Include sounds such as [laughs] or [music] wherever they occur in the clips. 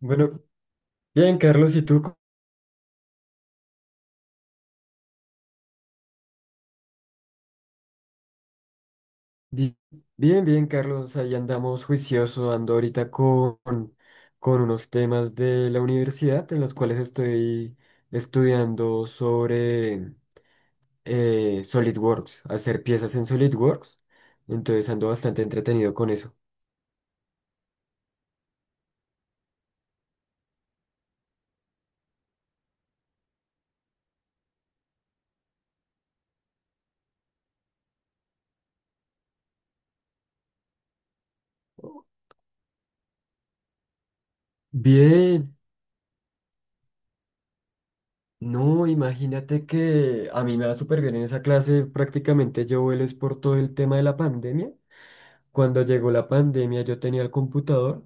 Bueno, bien, Carlos, ¿y tú? Bi- Bien, bien, Carlos, ahí andamos juicioso, ando ahorita con unos temas de la universidad en los cuales estoy estudiando sobre SolidWorks, hacer piezas en SolidWorks, entonces ando bastante entretenido con eso. Bien, no, imagínate que a mí me va súper bien en esa clase, prácticamente yo vuelo es por todo el tema de la pandemia. Cuando llegó la pandemia yo tenía el computador.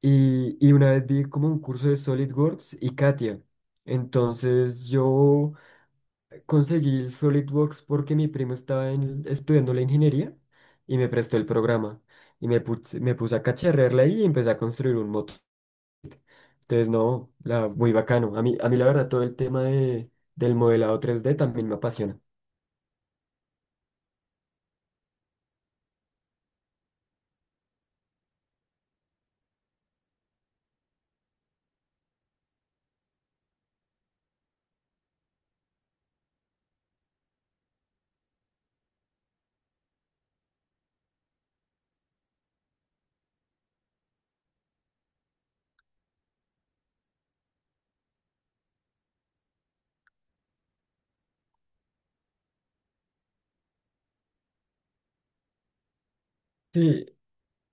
Y una vez vi como un curso de SolidWorks y Katia. Entonces yo conseguí el SolidWorks porque mi primo estudiando la ingeniería y me prestó el programa. Y me puse a cacharrearla ahí y empecé a construir un moto. Entonces no, la, muy bacano. A mí la verdad todo el tema del modelado tres d también me apasiona. Sí,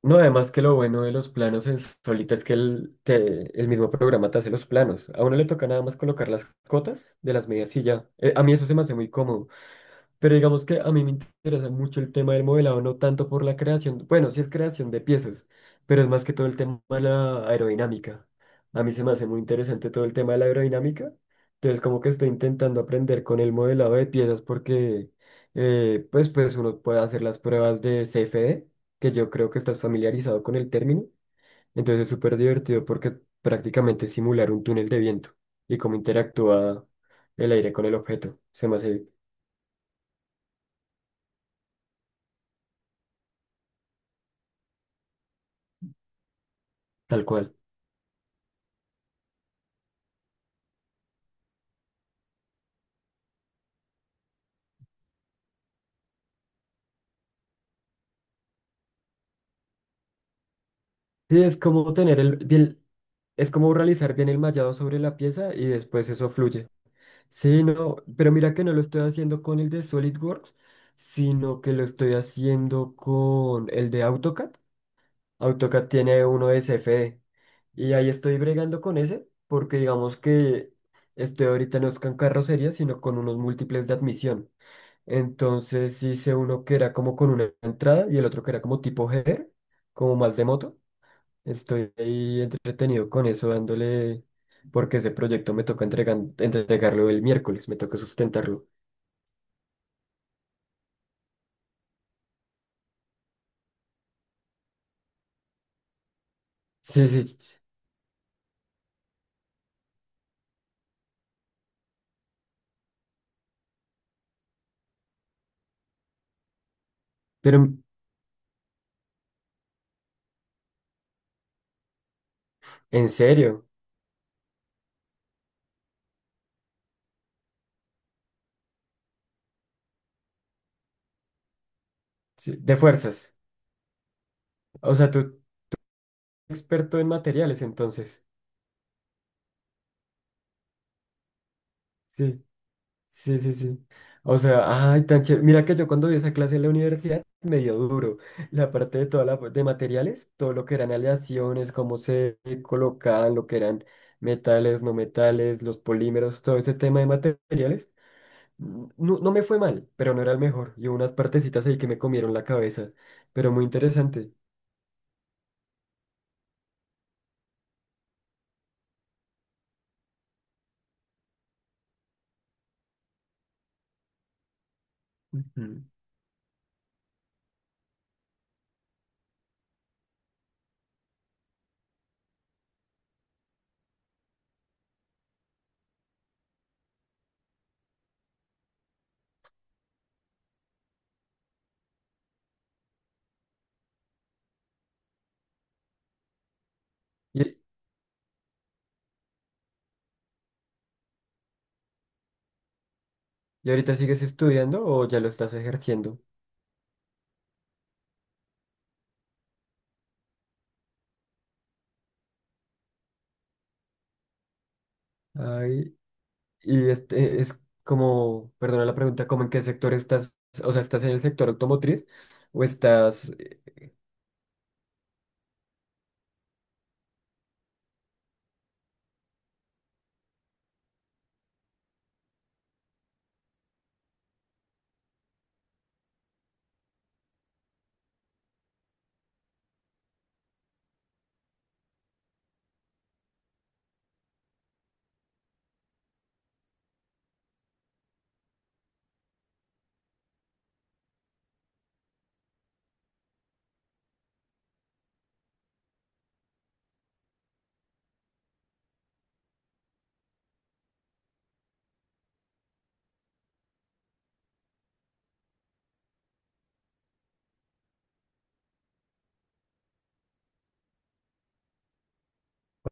no, además que lo bueno de los planos en Solita es que el mismo programa te hace los planos. A uno le toca nada más colocar las cotas de las medidas y ya. A mí eso se me hace muy cómodo. Pero digamos que a mí me interesa mucho el tema del modelado, no tanto por la creación, bueno, sí es creación de piezas, pero es más que todo el tema de la aerodinámica. A mí se me hace muy interesante todo el tema de la aerodinámica. Entonces, como que estoy intentando aprender con el modelado de piezas porque pues uno puede hacer las pruebas de CFD, que yo creo que estás familiarizado con el término. Entonces, es súper divertido porque prácticamente es simular un túnel de viento y cómo interactúa el aire con el objeto. Se me hace tal cual. Sí, es como tener el bien, es como realizar bien el mallado sobre la pieza y después eso fluye. Sí, no, pero mira que no lo estoy haciendo con el de SolidWorks, sino que lo estoy haciendo con el de AutoCAD. AutoCAD tiene uno de CFD y ahí estoy bregando con ese porque digamos que estoy ahorita no es con carrocería, sino con unos múltiples de admisión. Entonces hice uno que era como con una entrada y el otro que era como tipo header, como más de moto. Estoy ahí entretenido con eso, dándole, porque ese proyecto me toca entregarlo el miércoles, me toca sustentarlo. Sí, sí, pero en serio, sí, de fuerzas. O sea, tú experto en materiales, entonces. Sí, sí, sí, sí. O sea, ay, tan chévere. Mira que yo cuando vi esa clase en la universidad, me dio duro. La parte de toda la de materiales, todo lo que eran aleaciones, cómo se colocaban, lo que eran metales, no metales, los polímeros, todo ese tema de materiales. No, no me fue mal, pero no era el mejor. Y hubo unas partecitas ahí que me comieron la cabeza, pero muy interesante. Ujú. ¿Y, y ahorita sigues estudiando o ya lo estás ejerciendo? Ay, y este es como, perdona la pregunta, ¿cómo en qué sector estás? O sea, ¿estás en el sector automotriz o estás...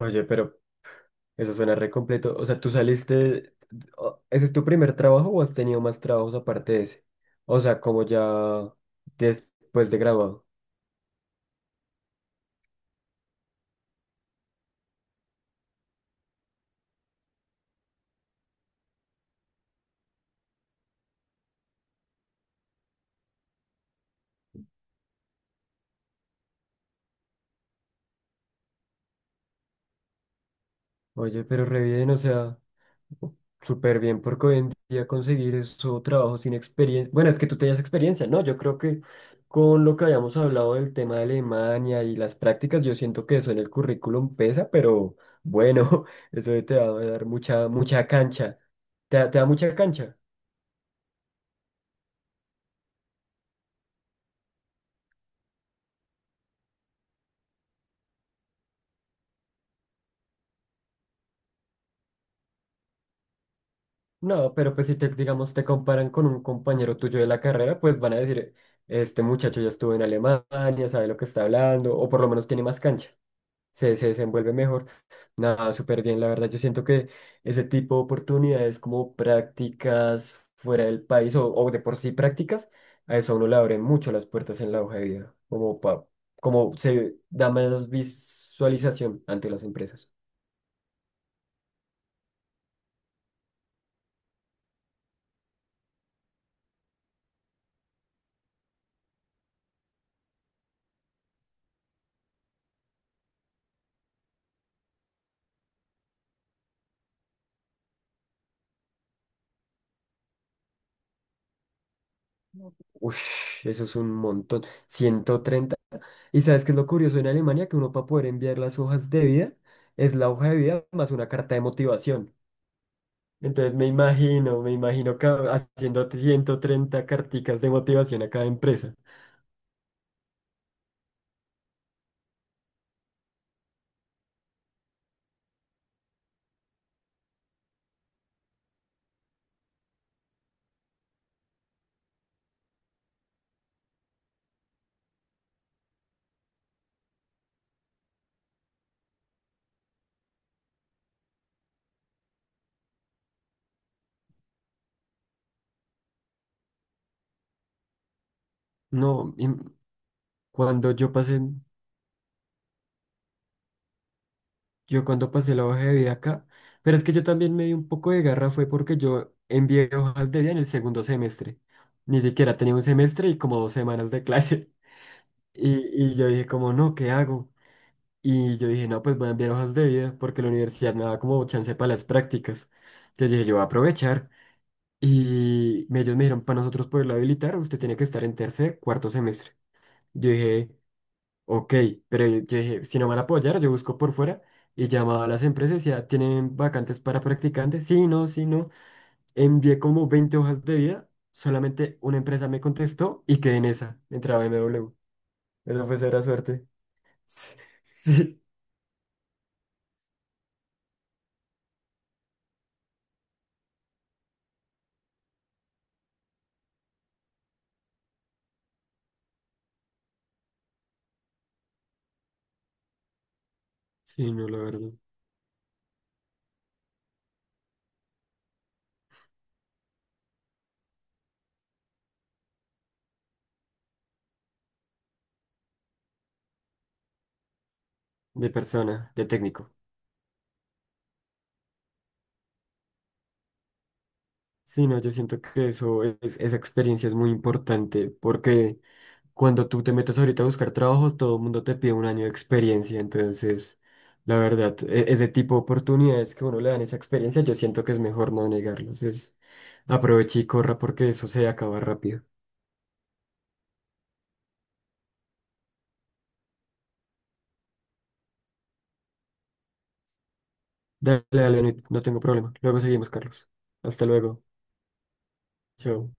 Oye, pero eso suena re completo. O sea, ¿tú saliste... ¿Ese es tu primer trabajo o has tenido más trabajos aparte de ese? O sea, como ya después de graduado. Oye, pero re bien, o sea... Súper bien, porque hoy en día conseguir eso, trabajo sin experiencia. Bueno, es que tú tenías experiencia, ¿no? Yo creo que con lo que habíamos hablado del tema de Alemania y las prácticas, yo siento que eso en el currículum pesa, pero bueno, [laughs] eso te va a dar mucha, mucha cancha. ¿Te da mucha cancha? No, pero pues si te, digamos, te comparan con un compañero tuyo de la carrera, pues van a decir, este muchacho ya estuvo en Alemania, sabe lo que está hablando, o por lo menos tiene más cancha. Se desenvuelve mejor. Nada, súper bien, la verdad. Yo siento que ese tipo de oportunidades como prácticas fuera del país o de por sí prácticas, a eso a uno le abren mucho las puertas en la hoja de vida, como se da más visualización ante las empresas. Ush, eso es un montón, ciento treinta. ¿Y sabes qué es lo curioso en Alemania? Que uno para poder enviar las hojas de vida es la hoja de vida más una carta de motivación. Entonces me imagino, haciendo 130 carticas de motivación a cada empresa. No, y m- cuando yo pasé, yo cuando pasé la hoja de vida acá, pero es que yo también me di un poco de garra fue porque yo envié hojas de vida en el segundo semestre. Ni siquiera tenía un semestre y como dos semanas de clase. [laughs] Y yo dije como, no, ¿qué hago? Y yo dije, no, pues voy a enviar hojas de vida porque la universidad me da como chance para las prácticas. Entonces dije, yo voy a aprovechar. Ellos me dijeron, para nosotros poderlo habilitar, usted tiene que estar en tercer, cuarto semestre. Yo dije, ok, pero yo dije, si no van a apoyar, yo busco por fuera. Y llamaba a las empresas, ya tienen vacantes para practicantes. Sí, no, sí, no. Envié como 20 hojas de vida, solamente una empresa me contestó y quedé en esa. Entraba MW. Esa fue cera suerte. [laughs] Sí, sí, sí, no, la verdad. De persona, de técnico. Sí, no, yo siento que eso es, esa experiencia es muy importante porque cuando tú te metes ahorita a buscar trabajos, todo el mundo te pide un año de experiencia. Entonces, la verdad, ese tipo de oportunidades que a uno le dan esa experiencia, yo siento que es mejor no negarlos. Es aproveche y corra porque eso se acaba rápido. Dale, dale, no, no tengo problema. Luego seguimos, Carlos. Hasta luego. Chao.